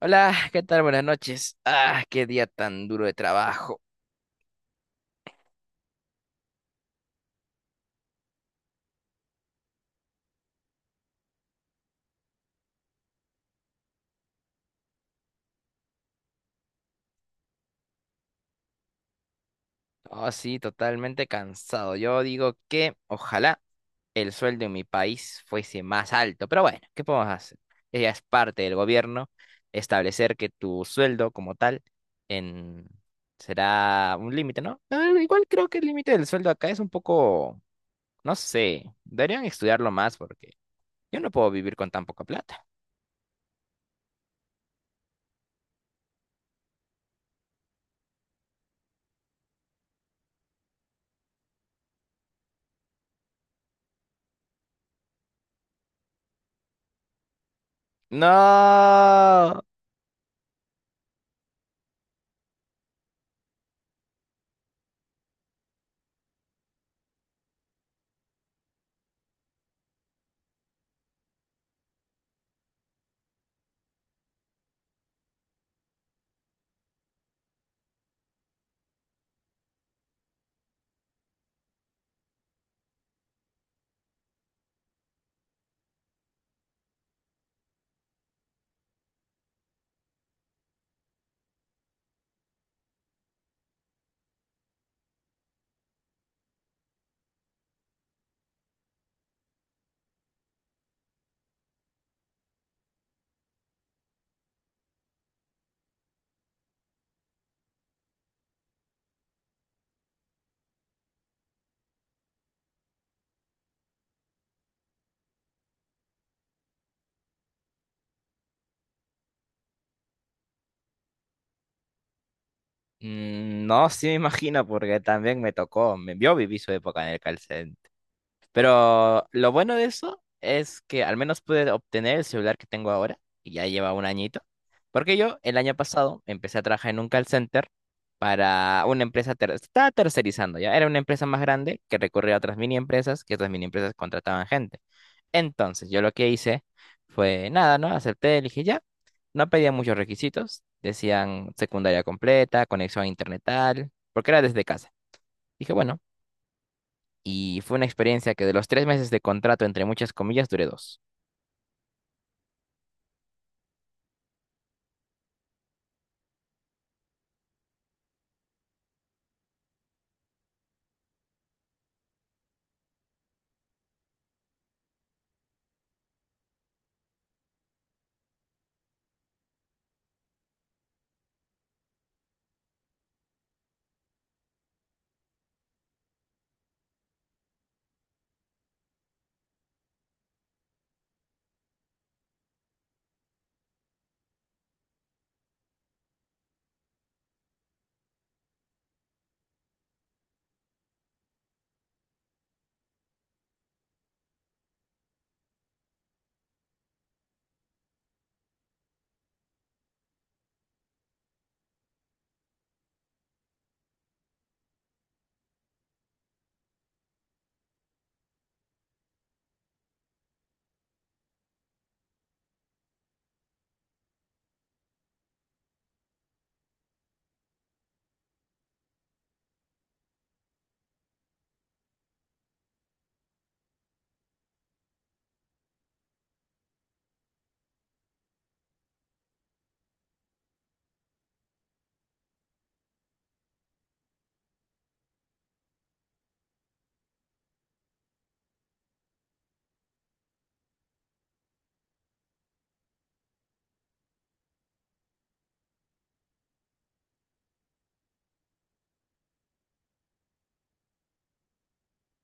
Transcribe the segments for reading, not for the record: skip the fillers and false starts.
Hola, ¿qué tal? Buenas noches. Ah, qué día tan duro de trabajo. Oh, sí, totalmente cansado. Yo digo que ojalá el sueldo en mi país fuese más alto, pero bueno, ¿qué podemos hacer? Ella es parte del gobierno establecer que tu sueldo como tal en... será un límite, ¿no? Ah, igual creo que el límite del sueldo acá es un poco, no sé, deberían estudiarlo más porque yo no puedo vivir con tan poca plata. No. Mm, no, sí me imagino, porque también me tocó. Yo viví su época en el call cen- pero lo bueno de eso es que al menos pude obtener el celular que tengo ahora, y ya lleva un añito, porque yo el año pasado empecé a trabajar en un call center para una empresa, estaba tercerizando ya, era una empresa más grande que recurría a otras mini empresas, que otras mini empresas contrataban gente. Entonces yo lo que hice fue nada, ¿no? Acepté, dije ya, no pedía muchos requisitos, decían secundaria completa, conexión a internet tal, porque era desde casa. Dije, bueno, y fue una experiencia que de los tres meses de contrato, entre muchas comillas, duré dos.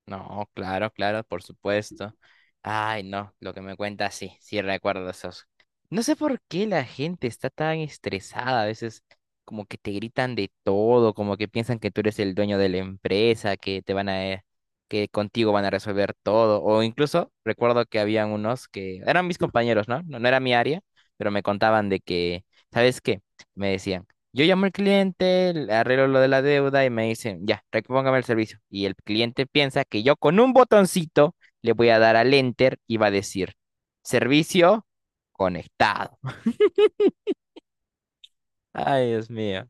No, claro, claro, por supuesto. Ay, no, lo que me cuenta, sí, sí recuerdo esos. No sé por qué la gente está tan estresada, a veces como que te gritan de todo, como que piensan que tú eres el dueño de la empresa, que te van a, que contigo van a resolver todo. O incluso recuerdo que habían unos que eran mis compañeros, ¿no? No, no era mi área, pero me contaban de que, ¿sabes qué? Me decían. Yo llamo al cliente, le arreglo lo de la deuda y me dicen, ya, repóngame el servicio. Y el cliente piensa que yo con un botoncito le voy a dar al enter y va a decir, servicio conectado. Ay, Dios mío.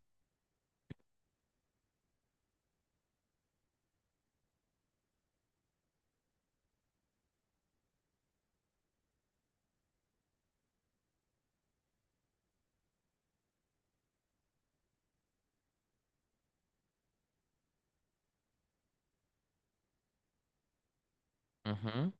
Ujú.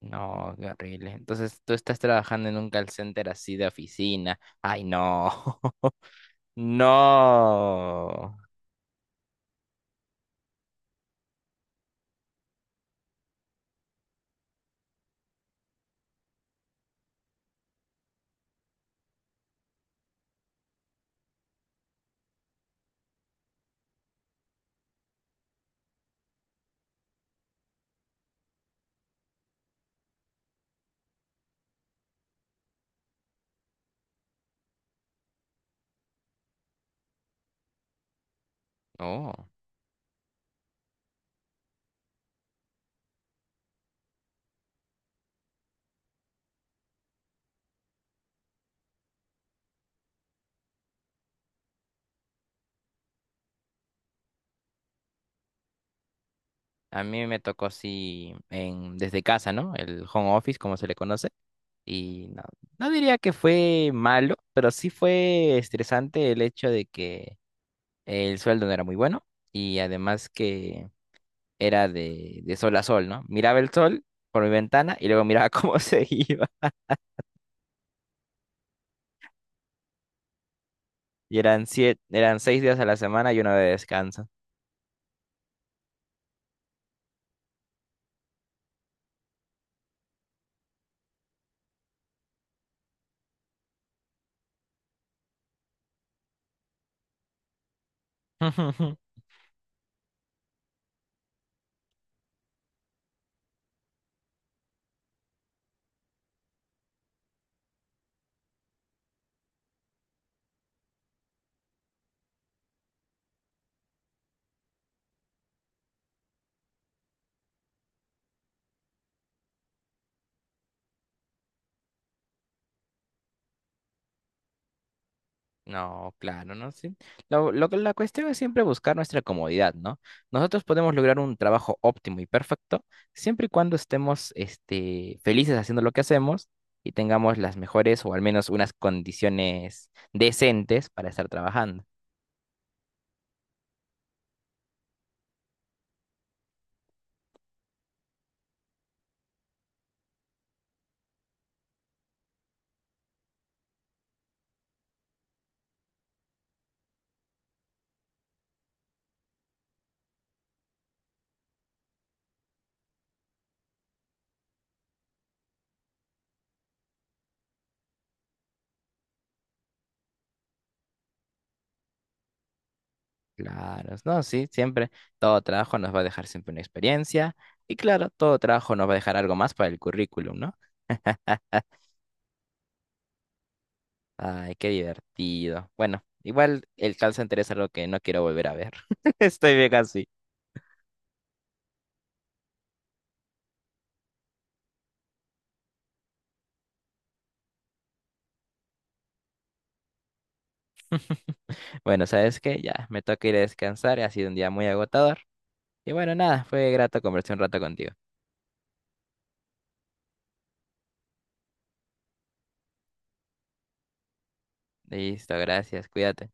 No, qué horrible. Entonces tú estás trabajando en un call center así de oficina. Ay, no. No. No. A mí me tocó así en, desde casa, ¿no? El home office, como se le conoce. Y no, no diría que fue malo, pero sí fue estresante el hecho de que el sueldo no era muy bueno y además que era de sol a sol, ¿no? Miraba el sol por mi ventana y luego miraba cómo se iba. Y eran siete, eran seis días a la semana y uno de descanso. No, claro, ¿no? Sí. La cuestión es siempre buscar nuestra comodidad, ¿no? Nosotros podemos lograr un trabajo óptimo y perfecto siempre y cuando estemos, este, felices haciendo lo que hacemos y tengamos las mejores o al menos unas condiciones decentes para estar trabajando. Claro, no, sí, siempre todo trabajo nos va a dejar siempre una experiencia y claro, todo trabajo nos va a dejar algo más para el currículum, ¿no? Ay, qué divertido. Bueno, igual el call center es algo que no quiero volver a ver. Estoy bien así. Bueno, ¿sabes qué? Ya, me toca ir a descansar, ha sido un día muy agotador. Y bueno, nada, fue grato conversar un rato contigo. Listo, gracias, cuídate.